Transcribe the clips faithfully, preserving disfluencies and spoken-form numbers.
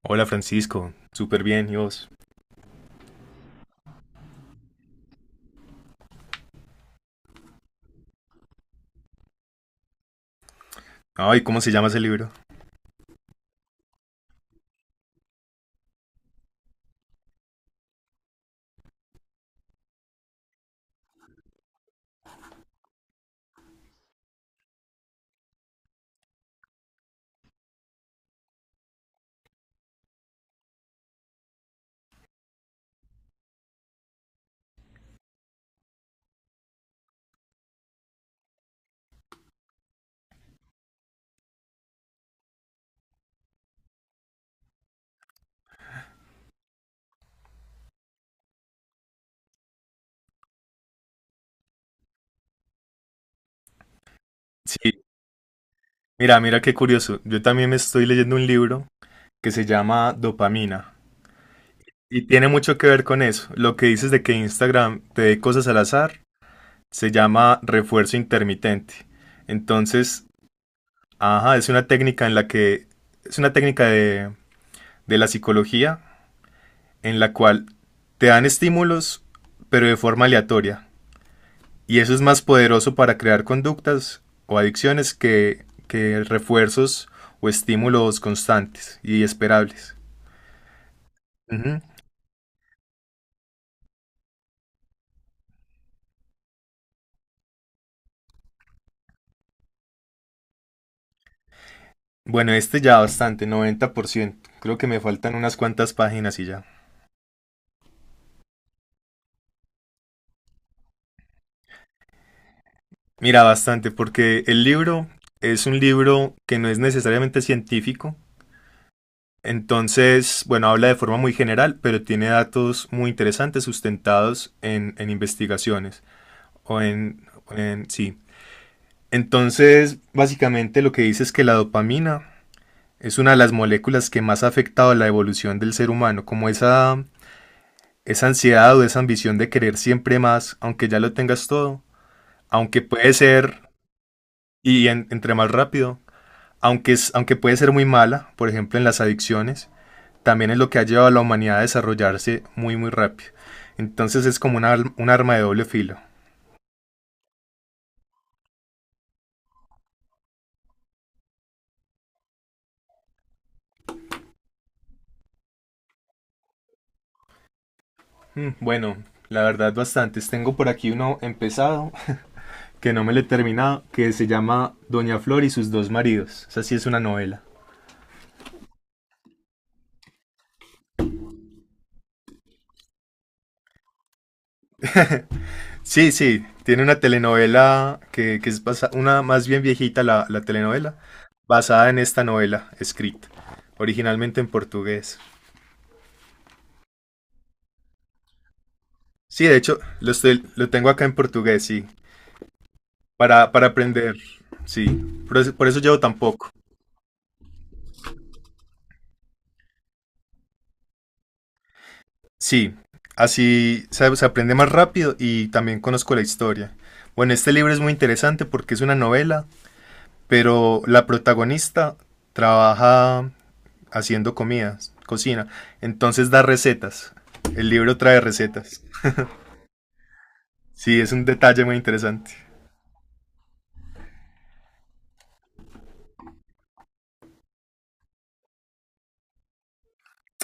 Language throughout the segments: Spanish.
Hola Francisco, súper bien, ¿y vos? Ay, ¿cómo se llama ese libro? Sí, mira, mira qué curioso. Yo también me estoy leyendo un libro que se llama Dopamina y tiene mucho que ver con eso. Lo que dices de que Instagram te dé cosas al azar se llama refuerzo intermitente. Entonces, ajá, es una técnica en la que es una técnica de, de la psicología en la cual te dan estímulos, pero de forma aleatoria. Y eso es más poderoso para crear conductas o adicciones que, que refuerzos o estímulos constantes y esperables. Ujú. Bueno, este ya bastante, noventa por ciento. Creo que me faltan unas cuantas páginas y ya. Mira, bastante, porque el libro es un libro que no es necesariamente científico. Entonces, bueno, habla de forma muy general, pero tiene datos muy interesantes sustentados en, en investigaciones o en, en- sí. Entonces, básicamente lo que dice es que la dopamina es una de las moléculas que más ha afectado la evolución del ser humano, como esa, esa ansiedad o esa ambición de querer siempre más, aunque ya lo tengas todo, aunque puede ser, y en- entre más rápido, aunque, es, aunque puede ser muy mala, por ejemplo en las adicciones, también es lo que ha llevado a la humanidad a desarrollarse muy muy rápido. Entonces es como una ar- un arma de doble filo. Mm, Bueno, la verdad bastantes. Tengo por aquí uno empezado que no me le he terminado, que se llama Doña Flor y sus dos maridos. O sea, sí es una novela. Sí, sí, tiene una telenovela que, que es basa- una más bien viejita la, la telenovela, basada en esta novela escrita originalmente en portugués. Sí, de hecho, lo, estoy- lo tengo acá en portugués, sí, para, para aprender, sí, por eso, por eso llevo tan poco. Sí, así se, se aprende más rápido y también conozco la historia. Bueno, este libro es muy interesante porque es una novela. Pero la protagonista trabaja haciendo comidas, cocina, entonces da recetas. El libro trae recetas. Sí, es un detalle muy interesante.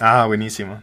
Ah, buenísimo.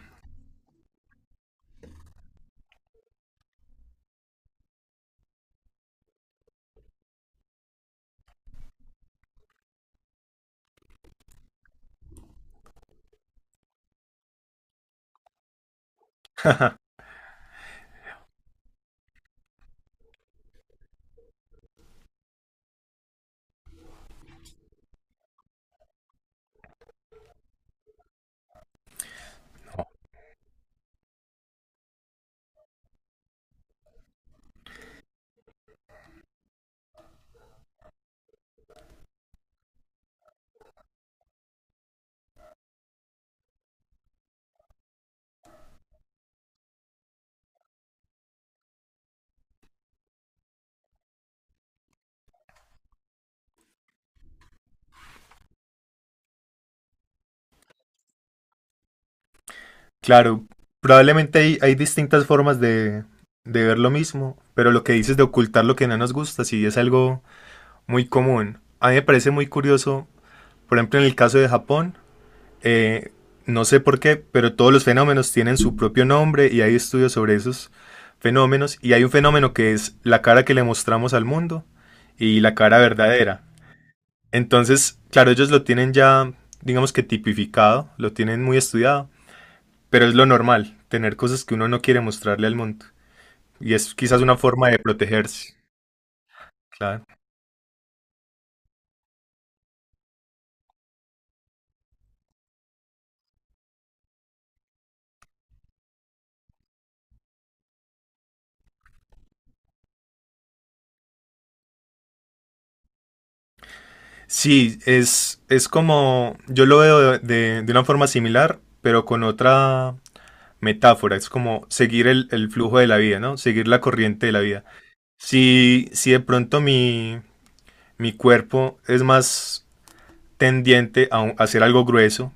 Claro, probablemente hay, hay distintas formas de, de ver lo mismo, pero lo que dices de ocultar lo que no nos gusta, sí es algo muy común. A mí me parece muy curioso, por ejemplo, en el caso de Japón. Eh, no sé por qué, pero todos los fenómenos tienen su propio nombre y hay estudios sobre esos fenómenos. Y hay un fenómeno que es la cara que le mostramos al mundo y la cara verdadera. Entonces, claro, ellos lo tienen ya, digamos que tipificado, lo tienen muy estudiado, pero es lo normal, tener cosas que uno no quiere mostrarle al mundo. Y es quizás una forma de protegerse. Claro. Sí, es, es como, yo lo veo de, de- de una forma similar, pero con otra metáfora, es como seguir el, el flujo de la vida, ¿no? Seguir la corriente de la vida. Si, si de pronto mi, mi cuerpo es más tendiente a, un- a hacer algo grueso,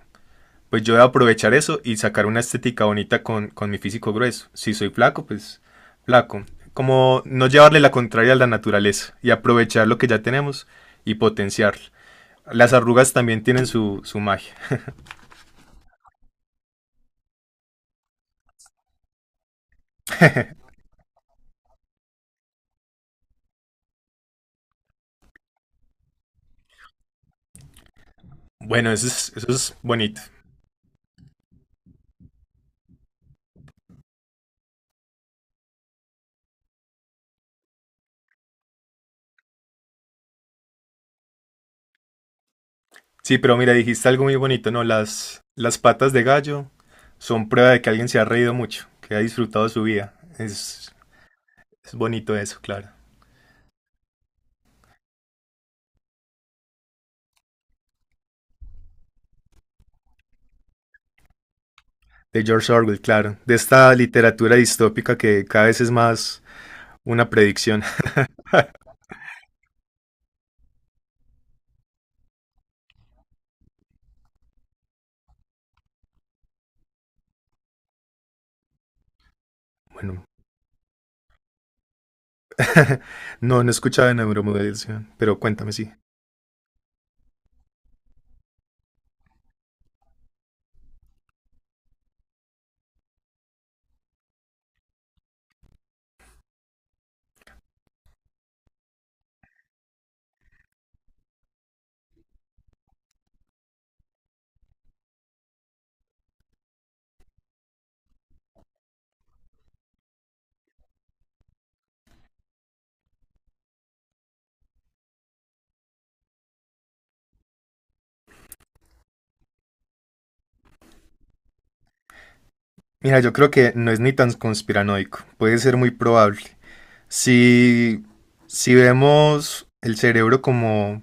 pues yo voy a aprovechar eso y sacar una estética bonita con, con mi físico grueso. Si soy flaco, pues flaco. Como no llevarle la contraria a la naturaleza y aprovechar lo que ya tenemos y potenciarlo. Las arrugas también tienen su, su magia. Bueno, eso es, eso es bonito. Sí, pero mira, dijiste algo muy bonito, ¿no? Las, las patas de gallo son prueba de que alguien se ha reído mucho, que ha disfrutado su vida. Es, es bonito eso, claro. De George Orwell, claro. De esta literatura distópica que cada vez es más una predicción. Bueno, no, no he escuchado de neuromodelación, pero cuéntame, sí. Mira, yo creo que no es ni tan conspiranoico, puede ser muy probable. Si, si vemos el cerebro como,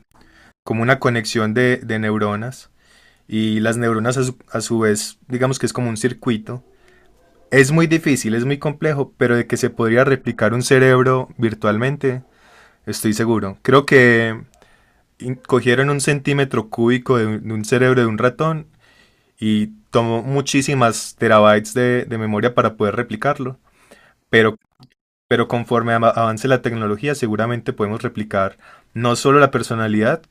como una conexión de, de neuronas, y las neuronas a su, a su vez, digamos que es como un circuito. Es muy difícil, es muy complejo, pero de que se podría replicar un cerebro virtualmente, estoy seguro. Creo que in- cogieron un centímetro cúbico de un, de un cerebro de un ratón y tomó muchísimas terabytes de, de memoria para poder replicarlo. Pero, pero conforme ama- avance la tecnología, seguramente podemos replicar no solo la personalidad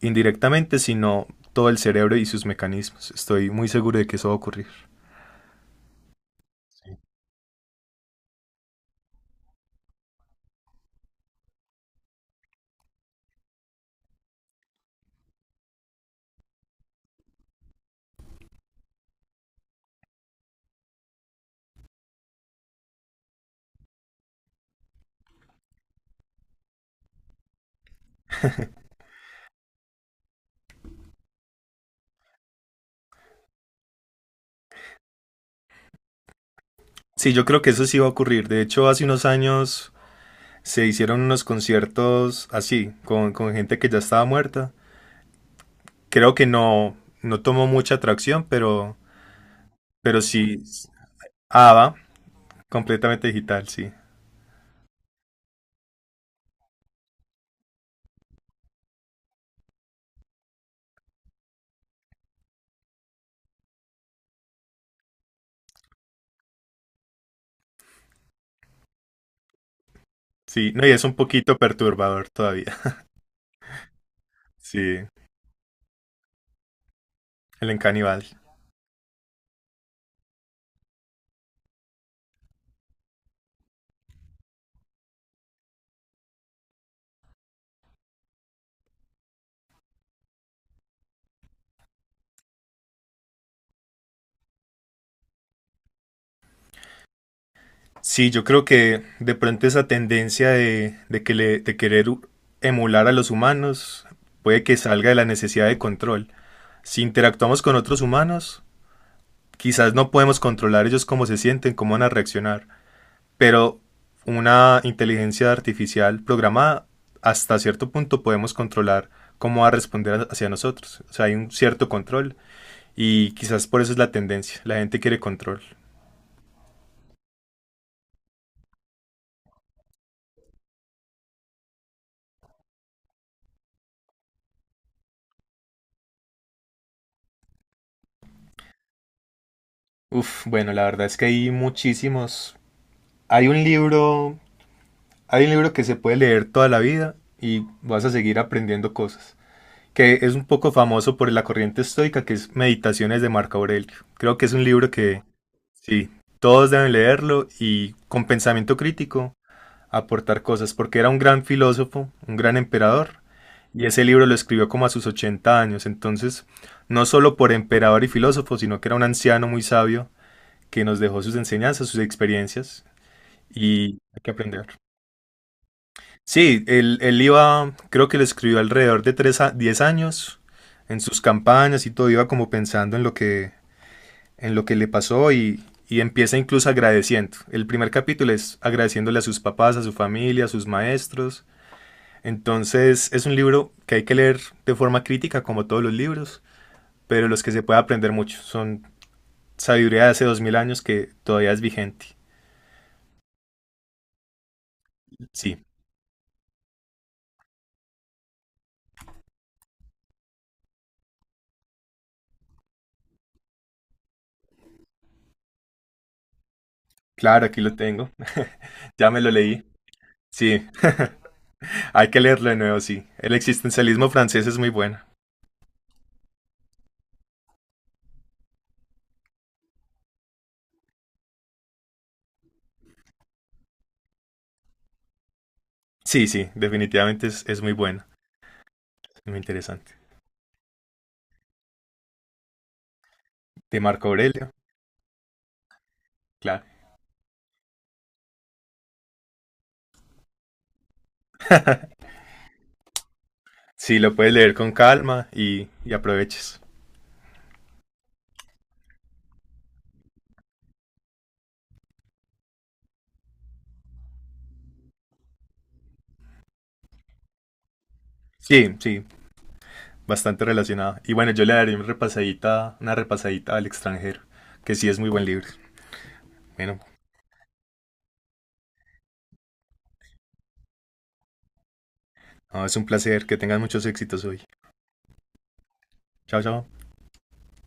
indirectamente, sino todo el cerebro y sus mecanismos. Estoy muy seguro de que eso va a ocurrir. Sí, yo creo que eso sí va a ocurrir. De hecho, hace unos años se hicieron unos conciertos así, con, con gente que ya estaba muerta. Creo que no, no tomó mucha atracción, pero, pero sí, ABBA, completamente digital, sí. Sí, no, y es un poquito perturbador todavía. Sí, el Encanibal. Sí, yo creo que de pronto esa tendencia de, de que le- de querer u- emular a los humanos puede que salga de la necesidad de control. Si interactuamos con otros humanos, quizás no podemos controlar ellos cómo se sienten, cómo van a reaccionar, pero una inteligencia artificial programada hasta cierto punto podemos controlar cómo va a responder hacia nosotros. O sea, hay un cierto control y quizás por eso es la tendencia. La gente quiere control. Uf, bueno, la verdad es que hay muchísimos. Hay un libro, hay un libro que se puede leer toda la vida y vas a seguir aprendiendo cosas, que es un poco famoso por la corriente estoica, que es Meditaciones de Marco Aurelio. Creo que es un libro que... Sí, todos deben leerlo y con pensamiento crítico aportar cosas, porque era un gran filósofo, un gran emperador, y ese libro lo escribió como a sus ochenta años, entonces no solo por emperador y filósofo, sino que era un anciano muy sabio que nos dejó sus enseñanzas, sus experiencias, y hay que aprender. Sí, él, él iba, creo que lo escribió alrededor de tres, a diez años, en sus campañas y todo, iba como pensando en lo que, en lo que le pasó, y, y empieza incluso agradeciendo. El primer capítulo es agradeciéndole a sus papás, a su familia, a sus maestros. Entonces es un libro que hay que leer de forma crítica como todos los libros, pero los que se puede aprender mucho. Son sabiduría de hace dos mil años que todavía es vigente. Sí, claro, aquí lo tengo. Ya me lo leí. Sí, hay que leerlo de nuevo, sí. El existencialismo francés es muy bueno. Sí, sí, definitivamente es, es muy bueno. Muy interesante. De Marco Aurelio, claro. Sí, lo puedes leer con calma y, y aproveches. Sí, sí, bastante relacionado. Y bueno, yo le daré una repasadita, una repasadita al extranjero, que sí es muy buen libro. Bueno, no, es un placer, que tengas muchos éxitos hoy. Chao, chao.